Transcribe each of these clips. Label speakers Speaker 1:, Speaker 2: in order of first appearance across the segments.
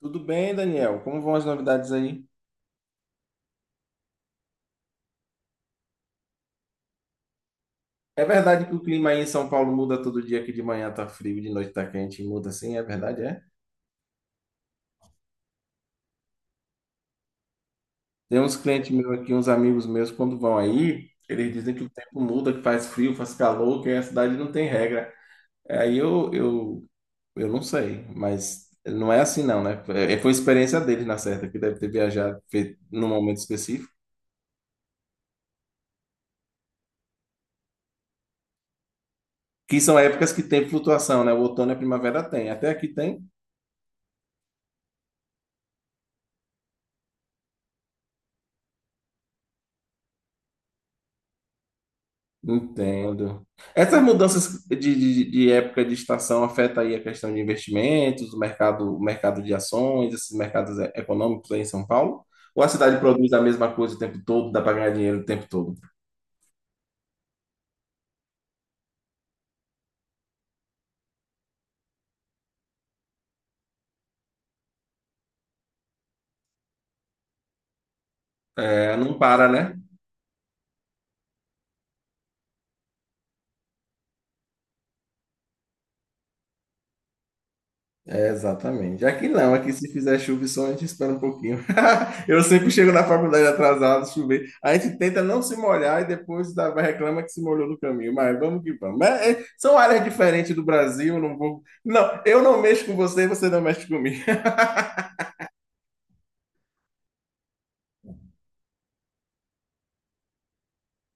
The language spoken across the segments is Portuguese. Speaker 1: Tudo bem, Daniel? Como vão as novidades aí? É verdade que o clima aí em São Paulo muda todo dia, que de manhã tá frio, de noite tá quente, muda assim, é verdade, é? Tem uns clientes meus aqui, uns amigos meus, quando vão aí, eles dizem que o tempo muda, que faz frio, faz calor, que a cidade não tem regra. É, aí eu não sei, mas não é assim não, né? Foi experiência deles, na certa, que deve ter viajado feito num momento específico, que são épocas que tem flutuação, né? O outono e a primavera tem, até aqui tem. Entendo. Essas mudanças de época de estação afeta aí a questão de investimentos, o mercado de ações, esses mercados econômicos aí em São Paulo? Ou a cidade produz a mesma coisa o tempo todo, dá para ganhar dinheiro o tempo todo? É, não para, né? É, exatamente. Aqui não, aqui se fizer chuva e sol, a gente espera um pouquinho. Eu sempre chego na faculdade atrasado, chover. A gente tenta não se molhar e depois vai reclama que se molhou no caminho. Mas vamos que vamos. Mas, é, são áreas diferentes do Brasil, não vou. Não, eu não mexo com você, você não mexe comigo.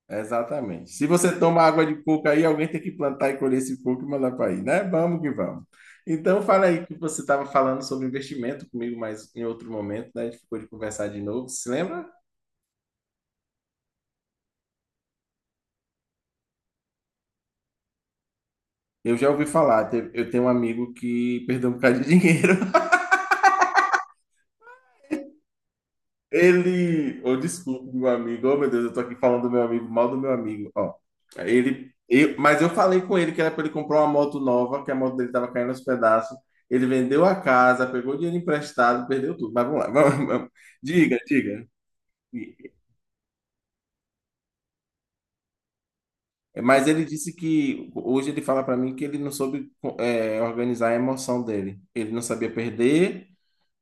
Speaker 1: Exatamente. Se você toma água de coco aí, alguém tem que plantar e colher esse coco e mandar para aí, né? Vamos que vamos. Então, fala aí que você estava falando sobre investimento comigo, mas em outro momento, né? A gente ficou de conversar de novo. Se lembra? Eu já ouvi falar, eu tenho um amigo que perdeu um bocado de dinheiro. Ele, ou desculpe, meu amigo, oh meu Deus, eu tô aqui falando do meu amigo, mal do meu amigo, ó. Mas eu falei com ele que era para ele comprar uma moto nova, que a moto dele tava caindo aos pedaços. Ele vendeu a casa, pegou dinheiro emprestado, perdeu tudo. Mas vamos lá, vamos, vamos. Diga, diga. Mas ele disse que hoje ele fala para mim que ele não soube, organizar a emoção dele. Ele não sabia perder.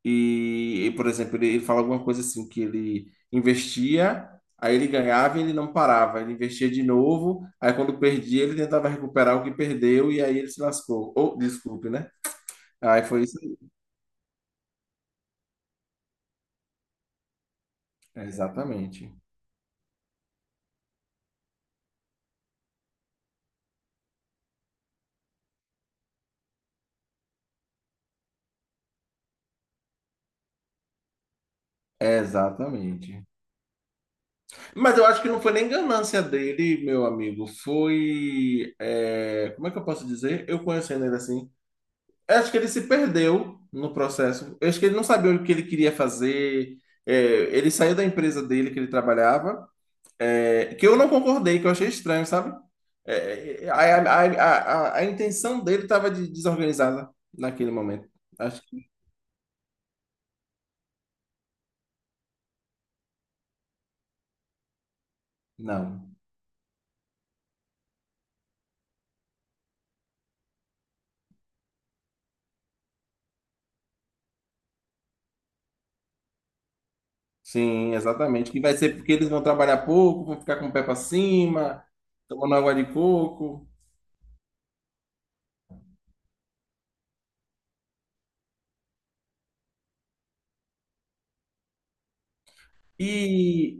Speaker 1: E por exemplo, ele fala alguma coisa assim, que ele investia, aí ele ganhava e ele não parava. Ele investia de novo, aí quando perdia, ele tentava recuperar o que perdeu e aí ele se lascou. Ou, desculpe, né? Aí foi isso aí. É, exatamente. É, exatamente. Mas eu acho que não foi nem ganância dele, meu amigo. Foi. É, como é que eu posso dizer? Eu conhecendo ele assim. Eu acho que ele se perdeu no processo. Eu acho que ele não sabia o que ele queria fazer. É, ele saiu da empresa dele que ele trabalhava, é, que eu não concordei, que eu achei estranho, sabe? A intenção dele estava de, desorganizada naquele momento. Acho que não. Sim, exatamente. Que vai ser porque eles vão trabalhar pouco, vão ficar com o pé para cima, tomando água de coco. E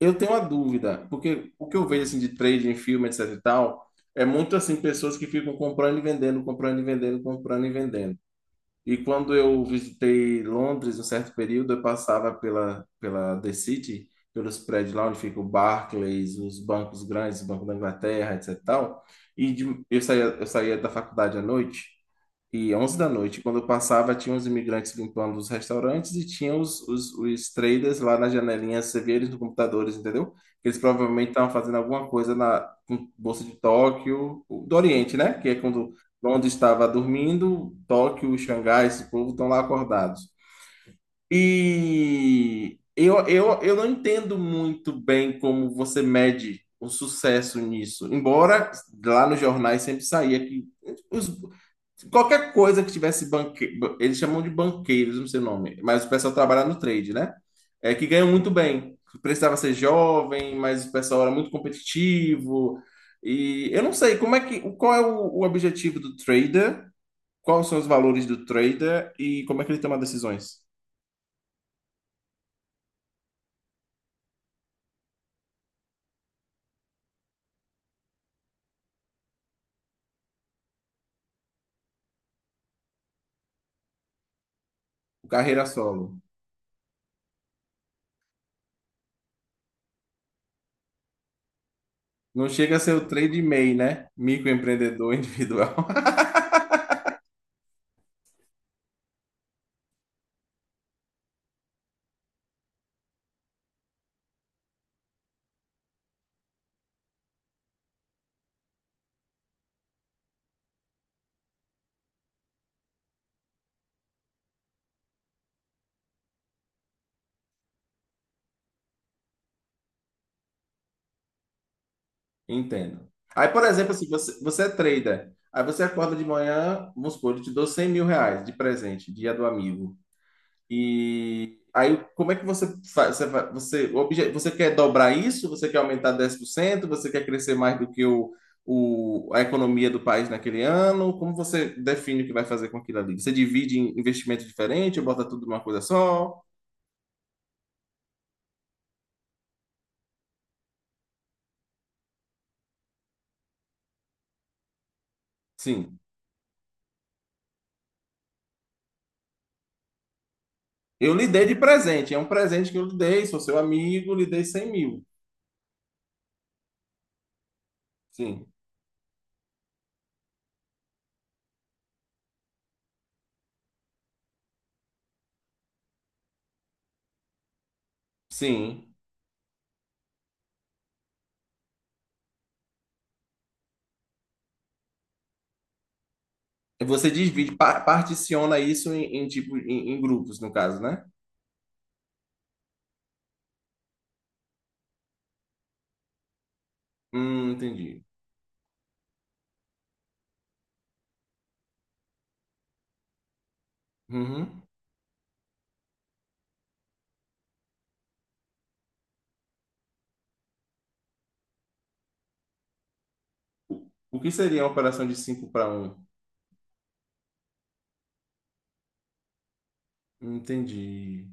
Speaker 1: eu tenho uma dúvida, porque o que eu vejo assim de trading em filme, etc e tal, é muito assim pessoas que ficam comprando e vendendo, comprando e vendendo, comprando e vendendo. E quando eu visitei Londres um certo período, eu passava pela The City, pelos prédios lá onde fica o Barclays, os bancos grandes, o Banco da Inglaterra, etc e tal. Eu saía da faculdade à noite e 11 da noite, quando eu passava, tinha os imigrantes limpando os restaurantes e tinha os traders lá nas janelinhas, você via eles nos computadores, entendeu? Eles provavelmente estavam fazendo alguma coisa na com Bolsa de Tóquio, do Oriente, né? Que é quando Londres estava dormindo, Tóquio, Xangai, esse povo estão lá acordados. E eu não entendo muito bem como você mede o sucesso nisso, embora lá nos jornais sempre saía que os Qualquer coisa que tivesse banque... ba- Eles chamam de banqueiros, não sei o nome, mas o pessoal trabalha no trade, né? É que ganham muito bem. Precisava ser jovem, mas o pessoal era muito competitivo. E eu não sei como é que, qual é o objetivo do trader, quais são os valores do trader e como é que ele toma decisões. Carreira solo. Não chega a ser o trade MEI, né? Microempreendedor individual. Entendo. Aí, por exemplo, assim, você é trader. Aí você acorda de manhã, vamos supor, eu te dou R$ 100 mil de presente, dia do amigo. E aí, como é que você faz? Você, vai- você, o obje- você quer dobrar isso? Você quer aumentar 10%? Você quer crescer mais do que a economia do país naquele ano? Como você define o que vai fazer com aquilo ali? Você divide em investimento diferente ou bota tudo numa coisa só? Sim. Eu lhe dei de presente. É um presente que eu lhe dei. Sou seu amigo, lhe dei 100 mil. Sim. Sim. Você divide, particiona isso em tipo em grupos, no caso, né? Entendi. Uhum. O que seria uma operação de 5 para um? Entendi.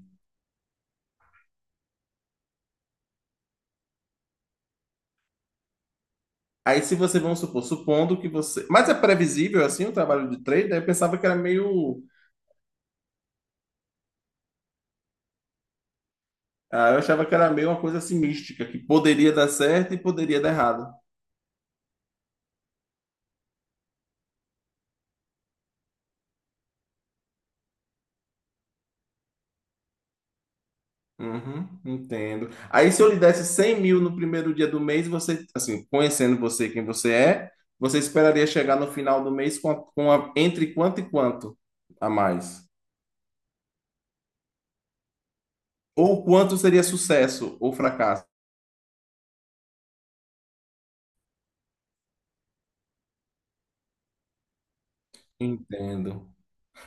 Speaker 1: Aí, se você, vamos supor, supondo que você. Mas é previsível, assim, o trabalho de trader? Eu pensava que era meio. Eu achava que era meio uma coisa assim mística, que poderia dar certo e poderia dar errado. Uhum, entendo. Aí, se eu lhe desse 100 mil no primeiro dia do mês, você, assim, conhecendo você, quem você é, você esperaria chegar no final do mês entre quanto e quanto a mais? Ou quanto seria sucesso ou fracasso? Entendo.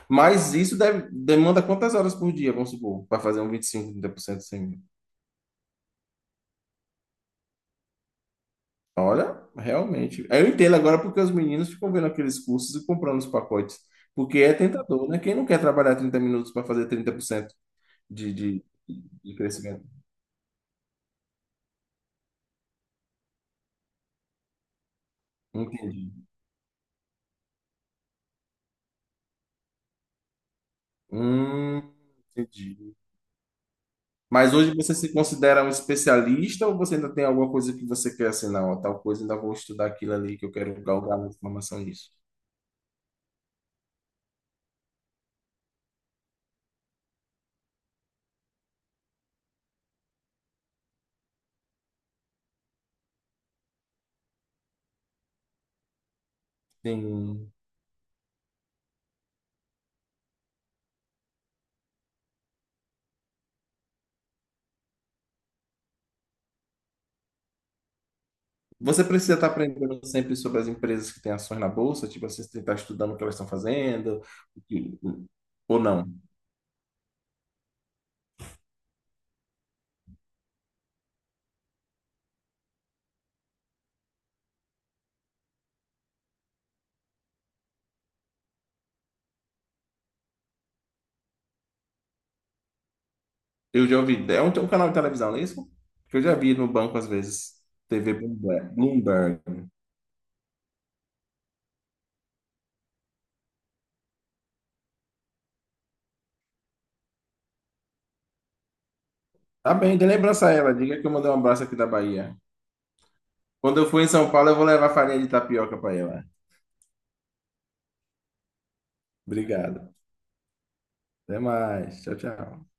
Speaker 1: Mas isso demanda quantas horas por dia, vamos supor, para fazer um 25, 30% de 100 mil? Olha, realmente. Eu entendo agora porque os meninos ficam vendo aqueles cursos e comprando os pacotes. Porque é tentador, né? Quem não quer trabalhar 30 minutos para fazer 30% de, de, de crescimento. Entendi. Hum, entendi. Mas hoje você se considera um especialista ou você ainda tem alguma coisa que você quer assim, não, ó, tal coisa, ainda vou estudar aquilo ali que eu quero galgar uma informação nisso? Sim. Você precisa estar aprendendo sempre sobre as empresas que têm ações na bolsa, tipo, assim, você tem que estar estudando o que elas estão fazendo, o que- ou não? Eu já ouvi, é um canal de televisão, não é isso? Que eu já vi no banco às vezes, TV Bloomberg. Bloomberg. Tá bem, dê lembrança a ela. Diga que eu mandei um abraço aqui da Bahia. Quando eu for em São Paulo, eu vou levar farinha de tapioca para ela. Obrigado. Até mais. Tchau, tchau.